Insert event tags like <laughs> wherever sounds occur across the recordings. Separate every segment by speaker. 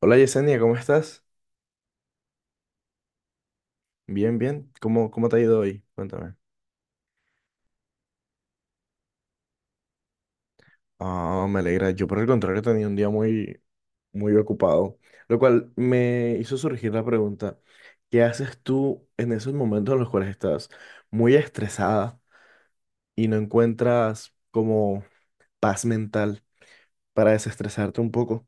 Speaker 1: Hola Yesenia, ¿cómo estás? Bien, bien. ¿Cómo te ha ido hoy? Cuéntame. Ah, me alegra. Yo por el contrario tenía un día muy, muy ocupado, lo cual me hizo surgir la pregunta: ¿qué haces tú en esos momentos en los cuales estás muy estresada y no encuentras como paz mental para desestresarte un poco?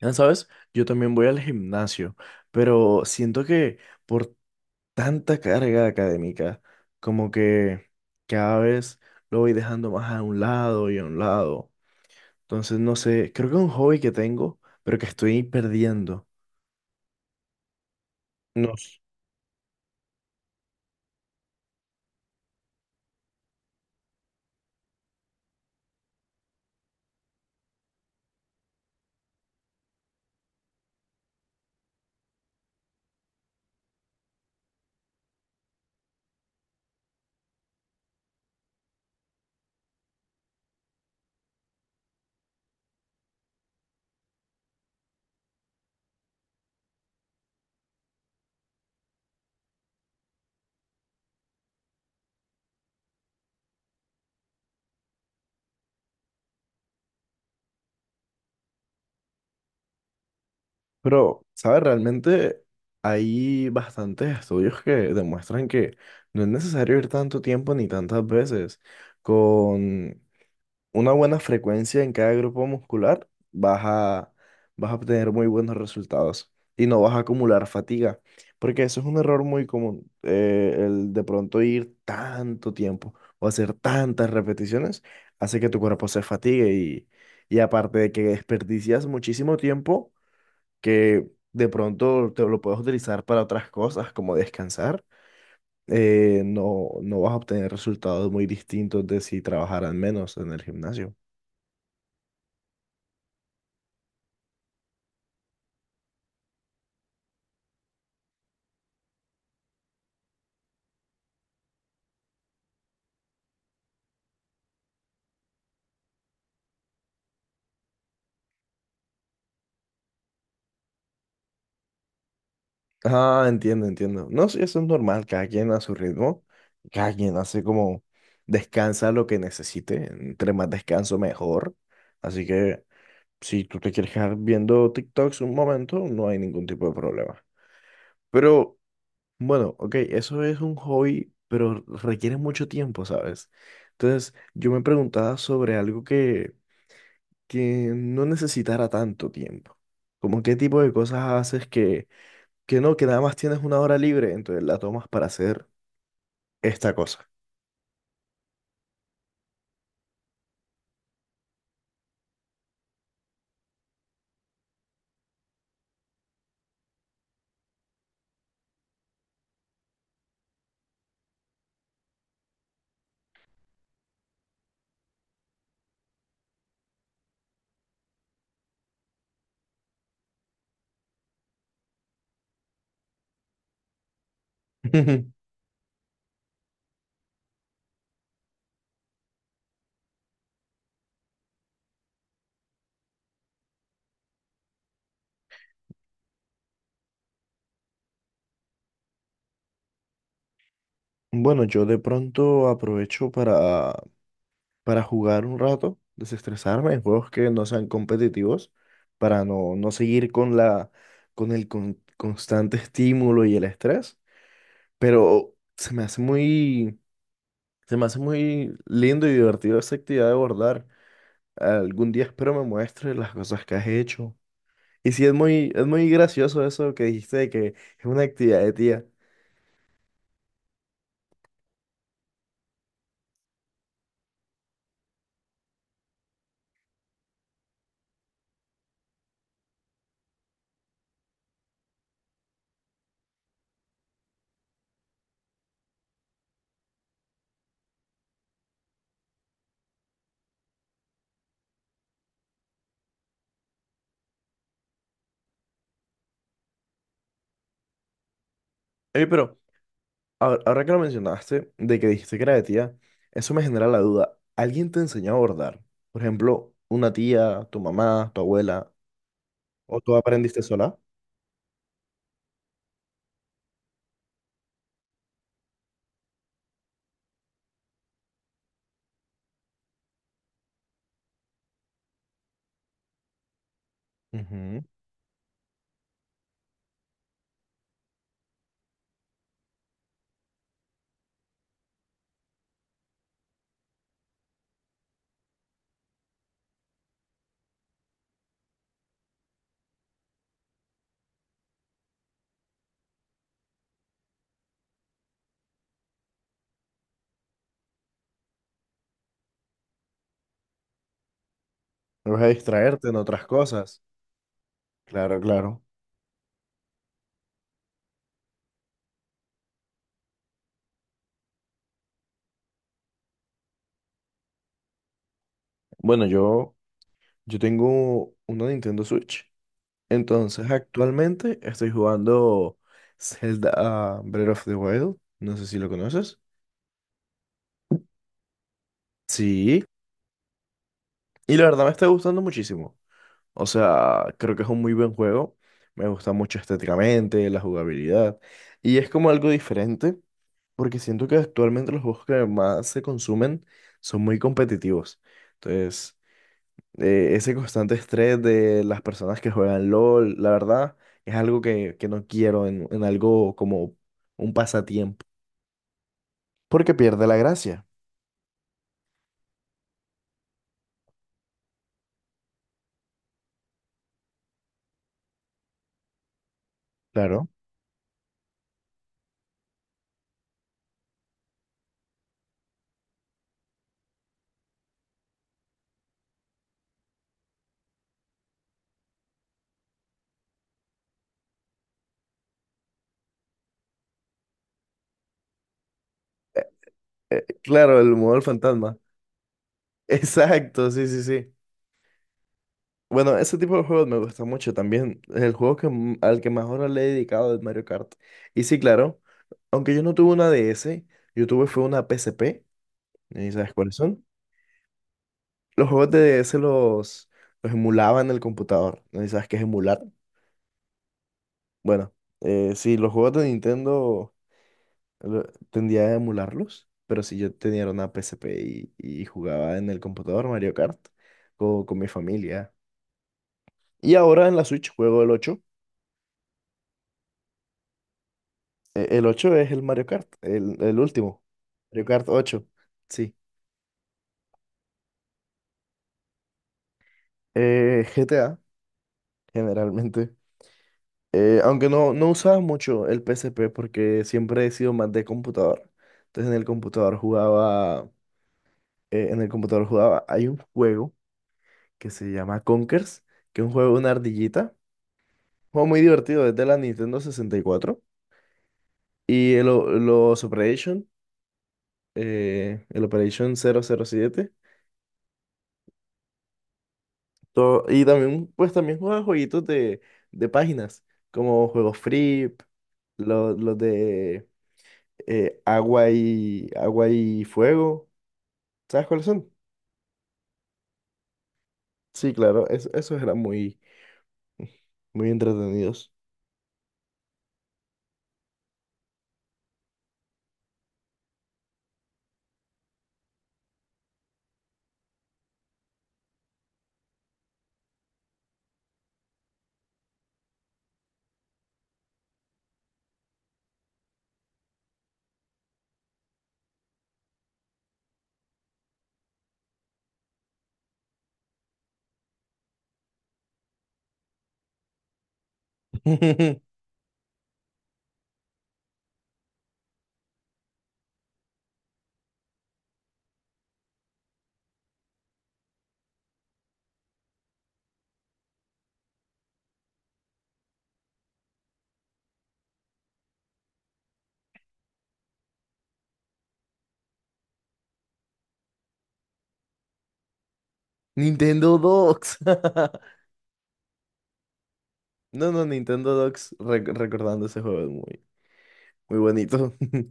Speaker 1: Ya sabes, yo también voy al gimnasio, pero siento que por tanta carga académica, como que cada vez lo voy dejando más a un lado y a un lado. Entonces, no sé, creo que es un hobby que tengo, pero que estoy perdiendo. No s- Pero, ¿sabes? Realmente hay bastantes estudios que demuestran que no es necesario ir tanto tiempo ni tantas veces. Con una buena frecuencia en cada grupo muscular, vas a obtener muy buenos resultados y no vas a acumular fatiga, porque eso es un error muy común, el de pronto ir tanto tiempo o hacer tantas repeticiones hace que tu cuerpo se fatigue, y aparte de que desperdicias muchísimo tiempo que de pronto te lo puedes utilizar para otras cosas como descansar. No, no vas a obtener resultados muy distintos de si trabajaran menos en el gimnasio. Ah, entiendo, entiendo. No, sí, eso es normal, cada quien a su ritmo, cada quien hace como descansa lo que necesite; entre más descanso, mejor. Así que si tú te quieres quedar viendo TikToks un momento, no hay ningún tipo de problema. Pero bueno, ok, eso es un hobby, pero requiere mucho tiempo, ¿sabes? Entonces, yo me preguntaba sobre algo que no necesitara tanto tiempo. Como qué tipo de cosas haces que no, que nada más tienes una hora libre, entonces la tomas para hacer esta cosa. <laughs> Bueno, yo de pronto aprovecho para jugar un rato, desestresarme en juegos que no sean competitivos, para no, no seguir con la, constante estímulo y el estrés. Pero se me hace muy lindo y divertido esa actividad de bordar. Algún día espero me muestres las cosas que has hecho. Y sí, es muy gracioso eso que dijiste de que es una actividad de tía. Oye, pero ahora que lo mencionaste, de que dijiste que era de tía, eso me genera la duda. ¿Alguien te enseñó a bordar? Por ejemplo, una tía, tu mamá, tu abuela, ¿o tú aprendiste sola? Ujú. No vas a distraerte en otras cosas. Claro, claro. Bueno, yo tengo una Nintendo Switch. Entonces, actualmente estoy jugando Zelda, Breath of the Wild. No sé si lo conoces. Sí. Y la verdad me está gustando muchísimo. O sea, creo que es un muy buen juego. Me gusta mucho estéticamente, la jugabilidad. Y es como algo diferente, porque siento que actualmente los juegos que más se consumen son muy competitivos. Entonces, ese constante estrés de las personas que juegan LOL, la verdad, es algo que no quiero en algo como un pasatiempo. Porque pierde la gracia. Claro. Claro, el modo del fantasma. <laughs> Exacto, sí, sí, sí. Bueno, ese tipo de juegos me gusta mucho también. El juego al que más horas le he dedicado es Mario Kart. Y sí, claro, aunque yo no tuve una DS, yo tuve fue una PSP, ¿y sabes cuáles son? Los juegos de DS los emulaba en el computador, ¿no? ¿Y sabes qué es emular? Bueno, sí, los juegos de Nintendo lo- tendía a emularlos, pero si yo tenía una PSP y jugaba en el computador Mario Kart con mi familia. Y ahora en la Switch juego el ocho. El 8 es el Mario Kart, el último. Mario Kart 8, sí. GTA generalmente. Aunque no, no usaba mucho el PSP porque siempre he sido más de computador. Entonces en el computador jugaba, hay un juego que se llama Conkers, que es un juego de una ardillita. Un juego muy divertido, es de la Nintendo 64 y el Operation 007 todo. Y también, pues también jugaba jueguitos de páginas, como juegos free, los de agua y, fuego. ¿Sabes cuáles son? Sí, claro, esos eran muy, muy entretenidos. <laughs> Nintendo Docs. <laughs> No, no, Nintendo Docs recordando ese juego, es muy, muy bonito. <laughs>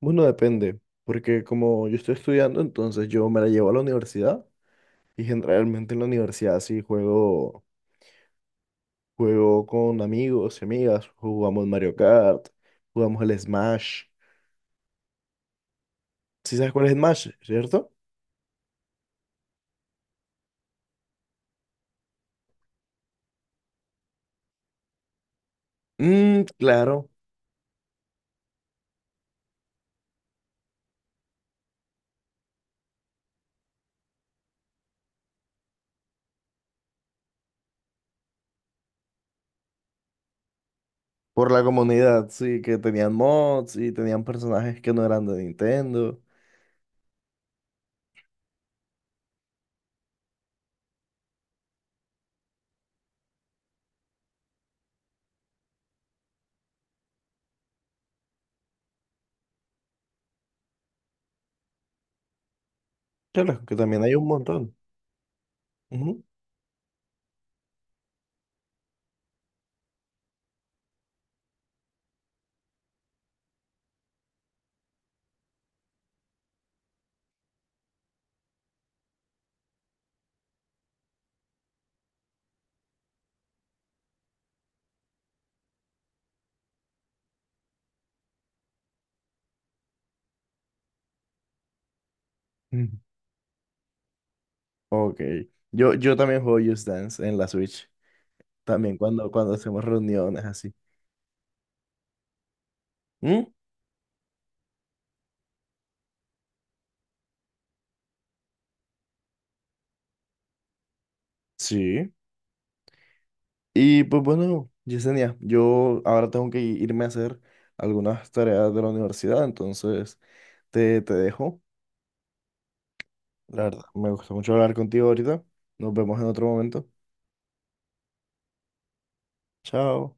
Speaker 1: Bueno, depende, porque como yo estoy estudiando, entonces yo me la llevo a la universidad y generalmente en la universidad sí juego. Juego con amigos y amigas, jugamos Mario Kart, jugamos el Smash. ¿Sí sabes cuál es Smash, cierto? Mm, claro, por la comunidad, sí, que tenían mods y tenían personajes que no eran de Nintendo. Claro, que también hay un montón. Ujú. Ujú. Ok, yo también juego Just Dance en la Switch, también cuando hacemos reuniones así. ¿Mm? Sí. Y pues bueno, Yesenia, yo ahora tengo que irme a hacer algunas tareas de la universidad, entonces te dejo. La verdad, me gustó mucho hablar contigo ahorita. Nos vemos en otro momento. Chao.